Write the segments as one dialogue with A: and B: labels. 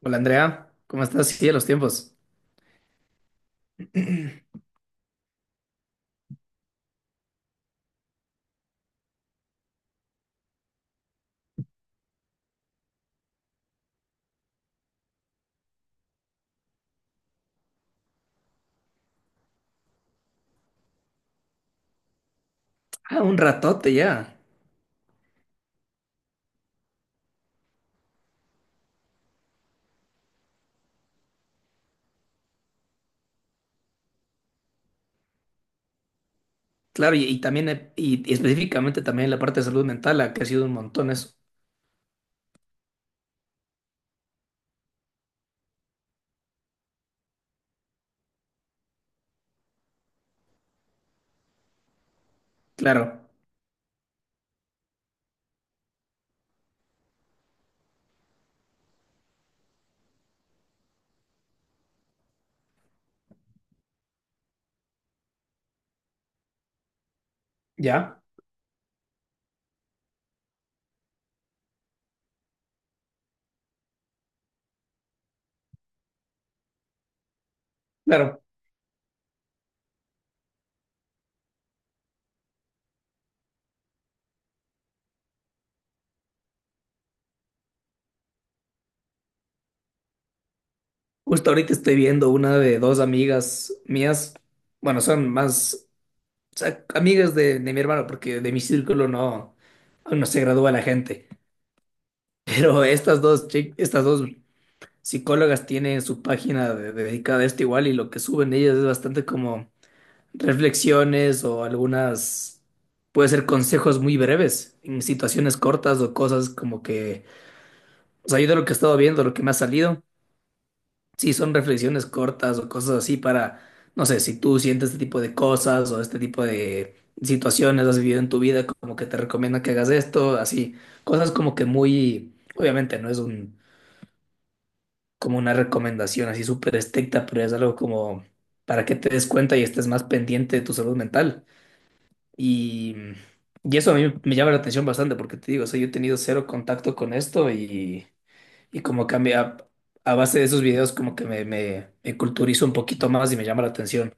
A: Hola Andrea, ¿cómo estás? Sí, de los tiempos. Ah, un ratote ya. Claro, y también, y específicamente también la parte de salud mental, ah, que ha sido un montón eso. Claro, ya, claro. Justo ahorita estoy viendo una de dos amigas mías, bueno, son más, o sea, amigas de mi hermano, porque de mi círculo no, aún no se gradúa la gente. Pero estas dos, estas dos psicólogas tienen su página de- dedicada a esto igual, y lo que suben ellas es bastante como reflexiones o algunas, puede ser consejos muy breves en situaciones cortas o cosas como que, o sea, yo de lo que he estado viendo, lo que me ha salido, sí son reflexiones cortas o cosas así para, no sé, si tú sientes este tipo de cosas o este tipo de situaciones has vivido en tu vida, como que te recomienda que hagas esto, así, cosas como que muy, obviamente no es un, como una recomendación así súper estricta, pero es algo como para que te des cuenta y estés más pendiente de tu salud mental. Y, y eso a mí me llama la atención bastante porque te digo, o sea, yo he tenido cero contacto con esto y como cambia a, base de esos videos como que me culturizo un poquito más y me llama la atención.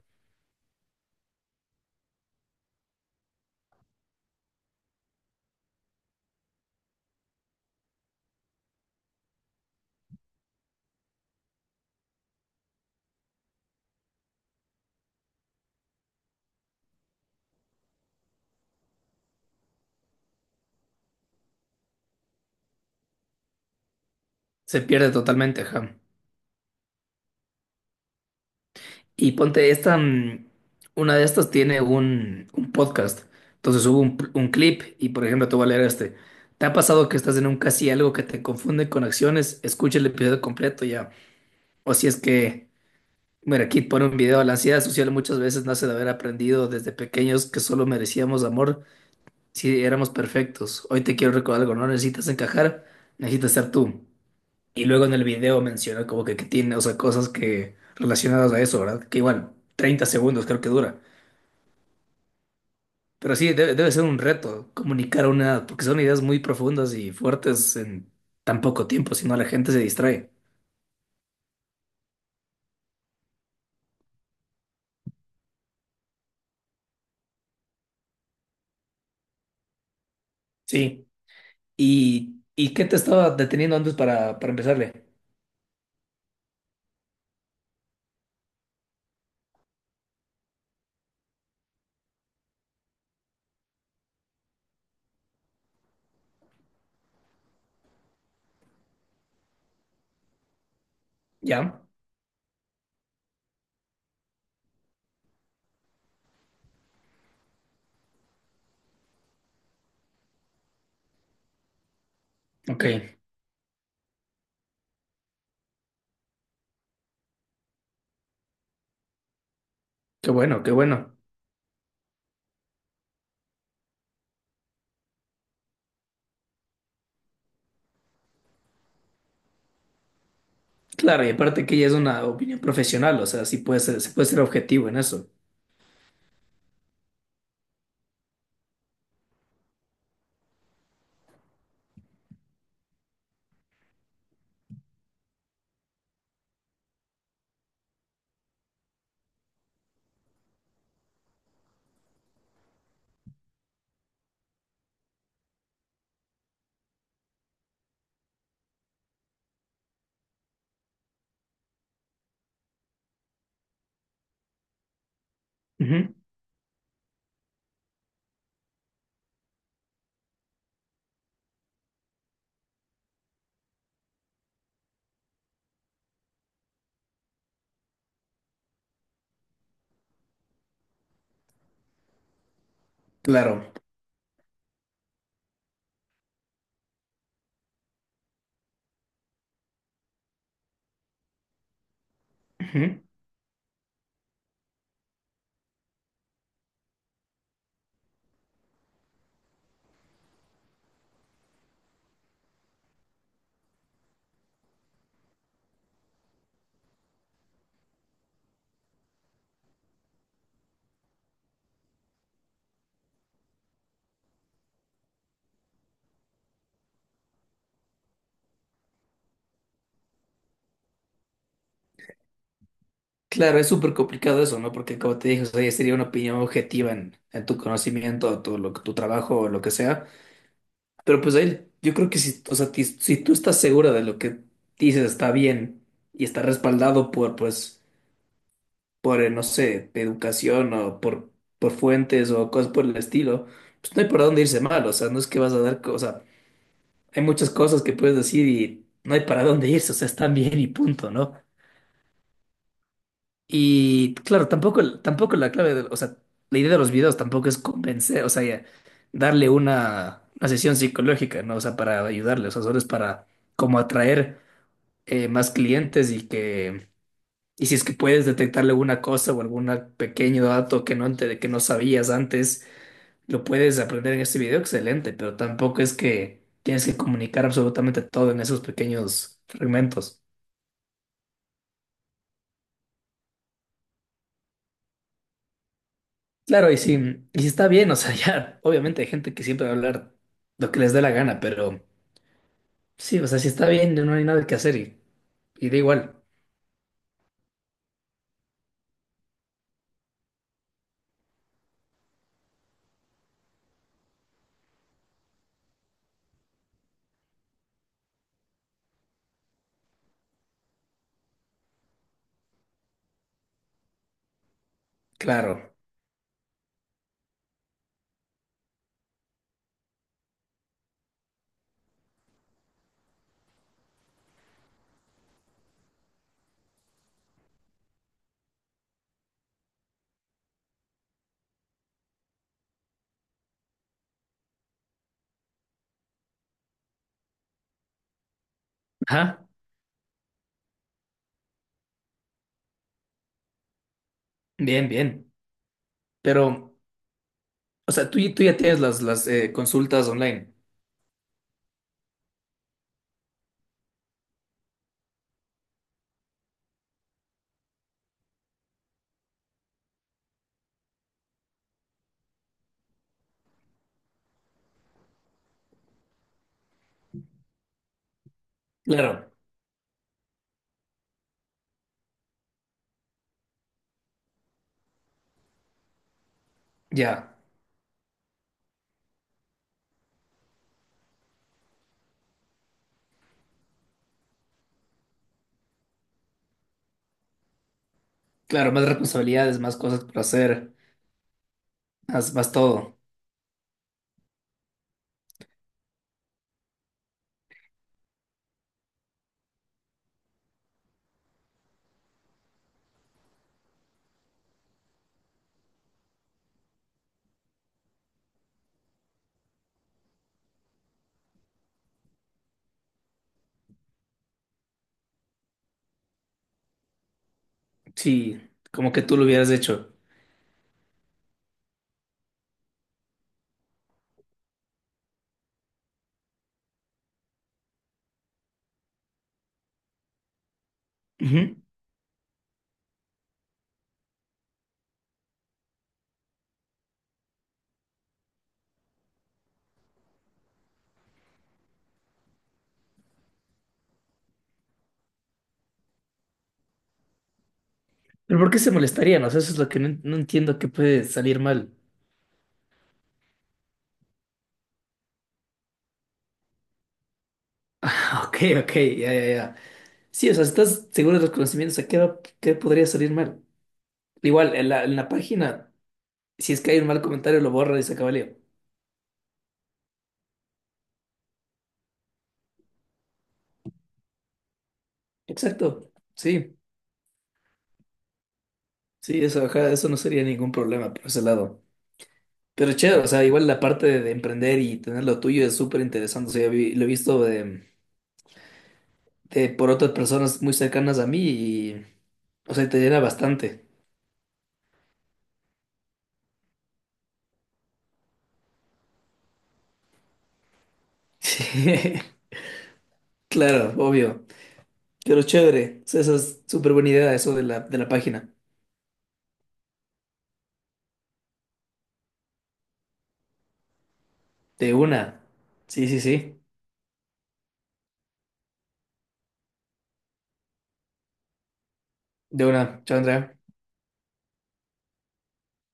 A: Se pierde totalmente, ajá. Y ponte esta, una de estas tiene un podcast. Entonces subo un clip y por ejemplo te voy a leer este. ¿Te ha pasado que estás en un casi algo que te confunde con acciones? Escucha el episodio completo ya. O si es que... Mira, aquí pone un video. La ansiedad social muchas veces nace de haber aprendido desde pequeños que solo merecíamos amor si éramos perfectos. Hoy te quiero recordar algo, no necesitas encajar, necesitas ser tú. Y luego en el video menciona como que tiene, o sea, cosas que relacionadas a eso, ¿verdad? Que igual, 30 segundos creo que dura. Pero sí, debe ser un reto comunicar una, porque son ideas muy profundas y fuertes en tan poco tiempo, si no la gente se distrae. Sí. ¿Y qué te estaba deteniendo antes para empezarle? ¿Ya? Ok. Qué bueno, qué bueno. Claro, y aparte que ya es una opinión profesional, o sea, sí puede ser, se puede ser objetivo en eso. Ujú. Claro. Ujú. Claro, es súper complicado eso, ¿no? Porque como te dije, o sea, ya sería una opinión objetiva en tu conocimiento, tu, lo, tu trabajo o lo que sea. Pero pues ahí, yo creo que si, o sea, ti- si tú estás segura de lo que dices está bien y está respaldado por, pues, por, no sé, educación o por fuentes o cosas por el estilo, pues no hay por dónde irse mal, o sea, no es que vas a dar, co- o sea, hay muchas cosas que puedes decir y no hay para dónde irse, o sea, están bien y punto, ¿no? Y claro, tampoco la clave, de- o sea, la idea de los videos tampoco es convencer, o sea, ya, darle una sesión psicológica, ¿no? O sea, para ayudarle, o sea, solo es para como atraer, más clientes y que, y si es que puedes detectarle alguna cosa o algún pequeño dato que no, ente- que no sabías antes, lo puedes aprender en este video, excelente, pero tampoco es que tienes que comunicar absolutamente todo en esos pequeños fragmentos. Claro, y sí está bien, o sea, ya, obviamente hay gente que siempre va a hablar lo que les dé la gana, pero sí, o sea, si está bien, no hay nada que hacer y da igual, claro. Ajá, bien, bien. Pero, o sea, tú ya tienes las, consultas online. Claro, ya, claro, más responsabilidades, más cosas por hacer, más, más todo. Sí, como que tú lo hubieras hecho. Ujú. ¿Pero por qué se molestarían? O sea, eso es lo que no, no entiendo que puede salir mal. Ah, ok, ok, ya, ya, ya. Sí, o sea, estás seguro de los conocimientos, ¿a qué, va- qué podría salir mal? Igual, en la página, si es que hay un mal comentario, lo borra y se acaba el lío. Exacto, sí, sí, eso, ajá, eso no sería ningún problema por ese lado. Pero chévere, o sea, igual la parte de emprender y tener lo tuyo es súper interesante. O sea, yo vi- lo he visto de- por otras personas muy cercanas a mí y, o sea, te llena bastante. Sí, claro, obvio. Pero chévere, eso eso es súper buena idea, eso de la página. De una. Sí, sí, sí. De una. Chao, Andrea.